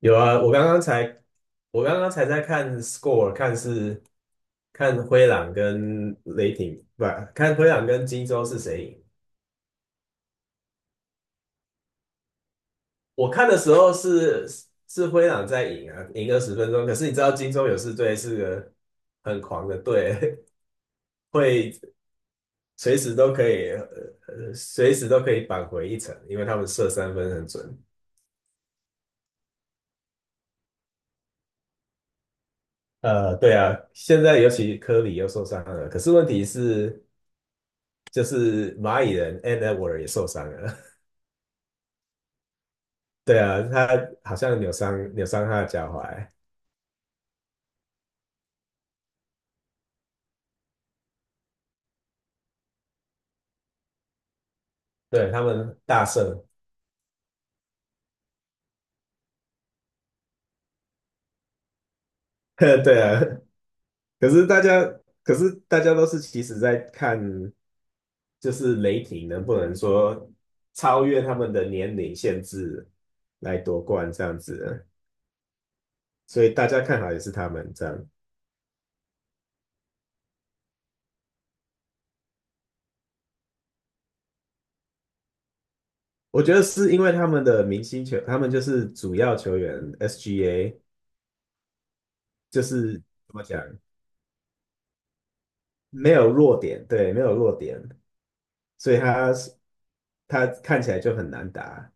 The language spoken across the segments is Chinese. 有啊，我刚刚才在看 score，看是看灰狼跟雷霆，不，看灰狼跟金州是谁赢。我看的时候是是灰狼在赢啊，赢20分钟。可是你知道金州勇士队是个很狂的队，会随时都可以，随时都可以扳回一城，因为他们射三分很准。对啊，现在尤其科里又受伤了，可是问题是就是蚂蚁人 and Edward 也受伤了。对啊，他好像扭伤他的脚踝，对，他们大胜，对啊，可是大家都是其实在看，就是雷霆能不能说超越他们的年龄限制来夺冠这样子，所以大家看好也是他们这样。我觉得是因为他们的明星球，他们就是主要球员 SGA，就是怎么讲，没有弱点，对，没有弱点，所以他看起来就很难打。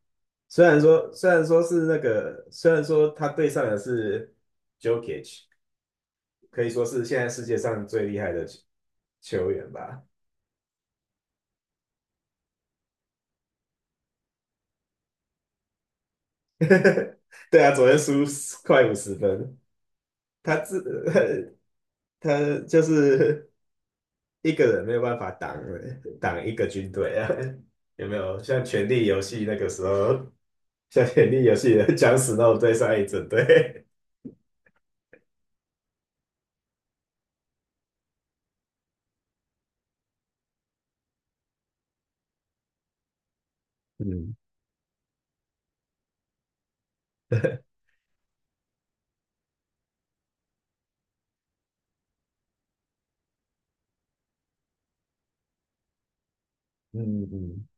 虽然说他对上的是 Jokic，可以说是现在世界上最厉害的球员吧。对啊，昨天输快50分，他自 他就是一个人没有办法挡一个军队啊，有没有？像《权力游戏》那个时候，像《权力游戏》的 僵死那种对上一整队。嗯嗯嗯，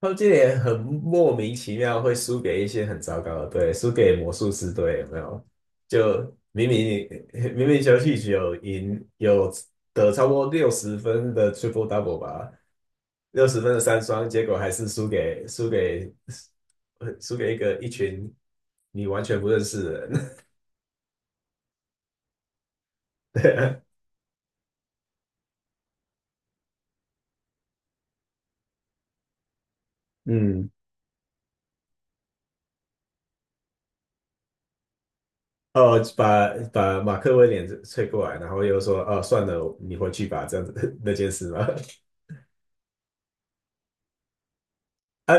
他们今年很莫名其妙会输给一些很糟糕的队，输给魔术师队有没有？就明明 明明休息只有赢有得超过六十分的 triple double 吧，60分的三双，结果还是输给输给一个一群你完全不认识的人。对啊嗯，哦，把马克威廉吹过来，然后又说：“哦，算了，你回去吧。”这样子 那件事嘛，啊，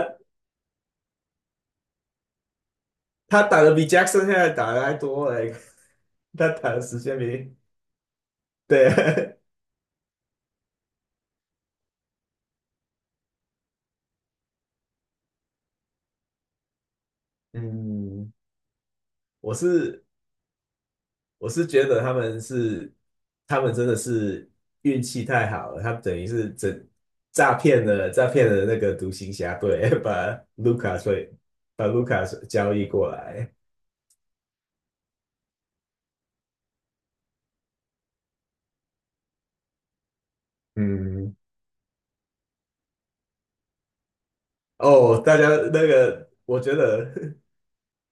他打的比 Jackson 现在打的还多嘞，他打的时间比对，嗯，我是觉得他们是真的是运气太好了，他们等于是整诈骗了那个独行侠队，把卢卡税把卢卡交易过来，嗯，哦，大家那个我觉得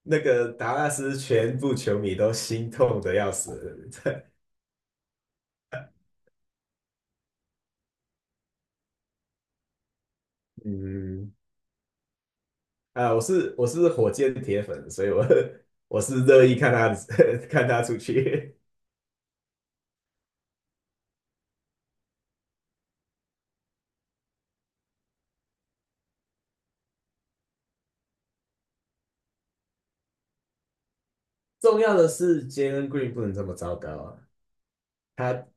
那个达拉斯全部球迷都心痛的要死，嗯，啊，我是火箭铁粉，所以我 我是乐意看他 看他出去。重要的是，Jalen Green 不能这么糟糕啊！他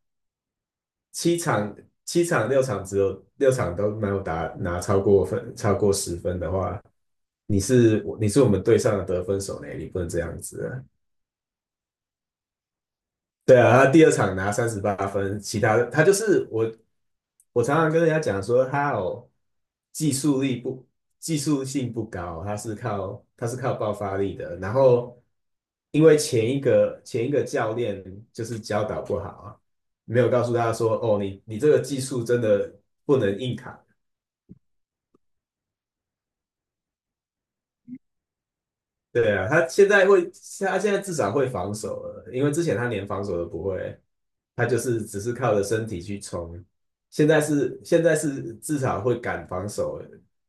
七场六场都没有打拿超过分十分的话，你是我们队上的得分手呢，你不能这样子啊。对啊，他第二场拿38分，其他的他就是我常常跟人家讲说，他有技术力不技术性不高，他是靠爆发力的。然后因为前一个教练就是教导不好啊，没有告诉他说，哦，你这个技术真的不能硬扛，对啊，他现在会，他现在至少会防守了，因为之前他连防守都不会，他就是只是靠着身体去冲。现在是至少会敢防守了，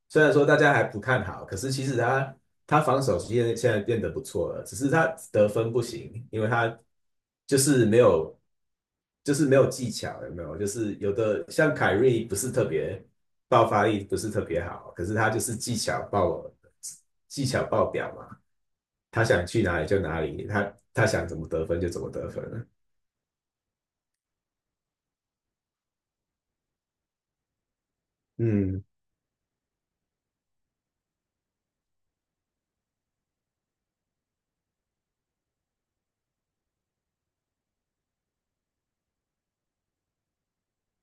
虽然说大家还不看好，可是其实他防守现在变得不错了，只是他得分不行，因为他就是没有技巧，有没有？就是有的像凯瑞不是特别爆发力不是特别好，可是他就是技巧爆表嘛。他想去哪里就哪里，他想怎么得分就怎么得分了。嗯，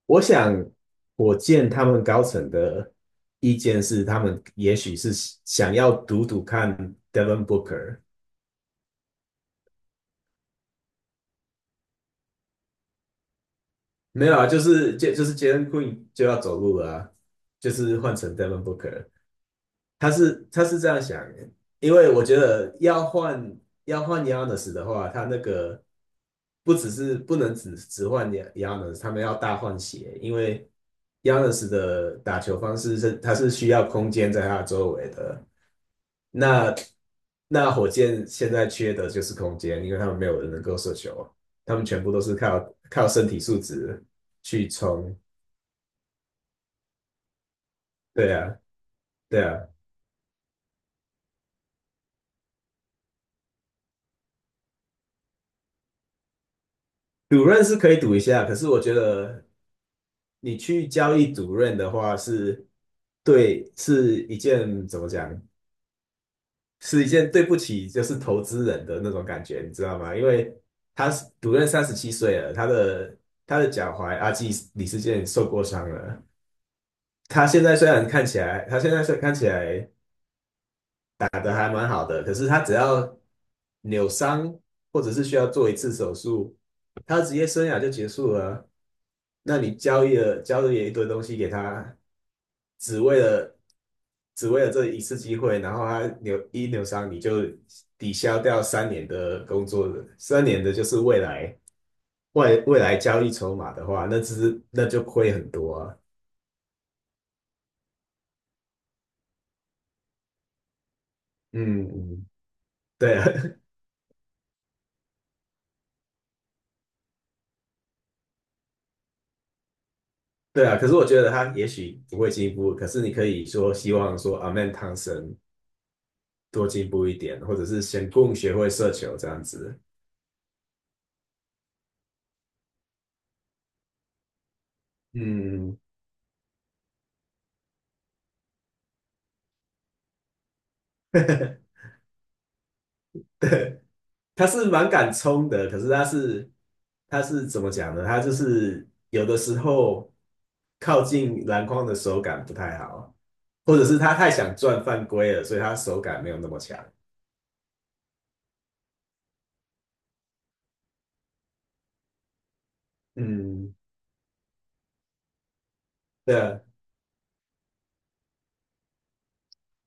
我想火箭他们高层的意见是，他们也许是想要赌赌看 Devin Booker。没有啊，就是杰就是 Jalen Green 就要走路了啊，就是换成 Devin Booker。他是这样想，因为我觉得要换Yanis 的话，他那个不只是不能只换 Yanis，他们要大换血，因为 Yanis 的打球方式是他是需要空间在他周围的。那那火箭现在缺的就是空间，因为他们没有人能够射球，他们全部都是靠身体素质去冲。对啊，对啊。主任是可以赌一下，可是我觉得你去交易主任的话是，对，是一件怎么讲，是一件对不起就是投资人的那种感觉，你知道吗？因为他是主任37岁了，他的脚踝阿基李世健受过伤了，他现在虽然看起来，他现在虽然看起来打得还蛮好的，可是他只要扭伤或者是需要做一次手术，他的职业生涯就结束了啊那你交易了一堆东西给他，只为了这一次机会，然后他扭一扭伤，你就抵消掉三年的工作，三年的就是未来未来交易筹码的话，那只是那就亏很多啊。嗯嗯，对啊，对啊，可是我觉得他也许不会进步，可是你可以说希望说阿曼汤神多进步一点，或者是先共学会射球这样子。嗯，他是蛮敢冲的，可是他是怎么讲呢？他就是有的时候靠近篮筐的手感不太好，或者是他太想赚犯规了，所以他手感没有那么强。嗯，对啊，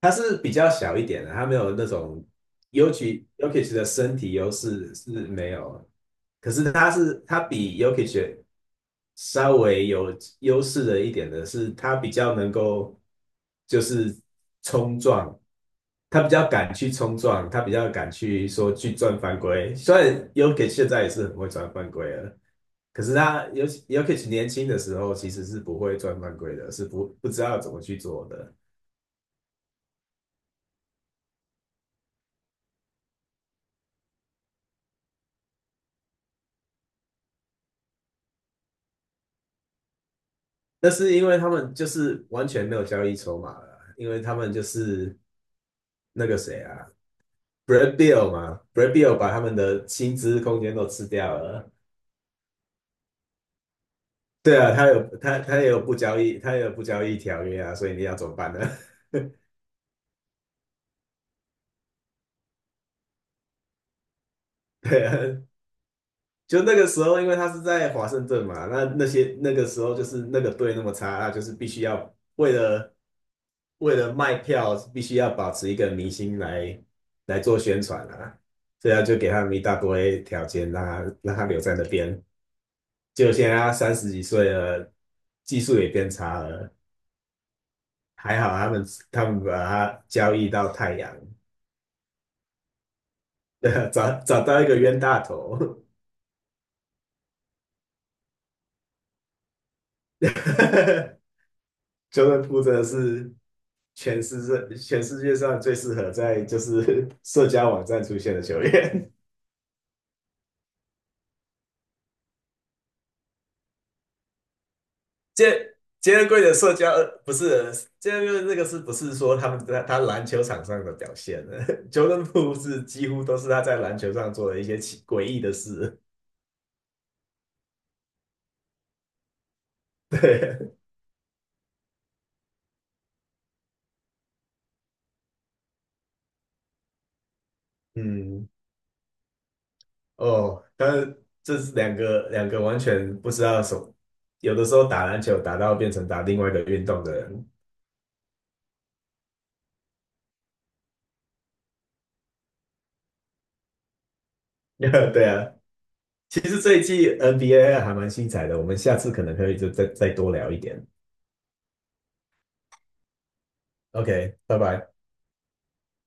他是比较小一点的，他没有那种尤其 j o k i 的身体优势是没有，可是他是比 Jokic 稍微有优势的一点的是，他比较能够就是冲撞，他比较敢去冲撞，他比较敢去说去赚犯规。虽然 Jokic 现在也是很会赚犯规了，可是他尤其 Jokic 年轻的时候其实是不会赚犯规的，是不不知道怎么去做的。那是因为他们就是完全没有交易筹码了啊，因为他们就是那个谁啊，Brad b i l l 嘛，Brad b i l l 把他们的薪资空间都吃掉了。对啊，他有他也有不交易，条约啊，所以你要怎么办呢？对啊，就那个时候，因为他是在华盛顿嘛，那个时候就是那个队那么差，那就是必须要为了卖票，必须要保持一个明星来做宣传啊，这样就给他们一大堆条件，让他留在那边。就现在他30几岁了，技术也变差了，还好他们把他交易到太阳，找到一个冤大头，就 o r 真的是。全世界上最适合在就是 社交网站出现的球员。杰杰伦贵的社交不是杰伦贵那个是不是说他们在他篮球场上的表现呢球 o 布是几乎都是他在篮球上做的一些奇诡异的事。对，嗯，哦，但是这是两个完全不知道什么，有的时候打篮球打到变成打另外一个运动的人。对啊，其实这一季 NBA 还蛮精彩的，我们下次可能可以就再多聊一点。OK，拜拜。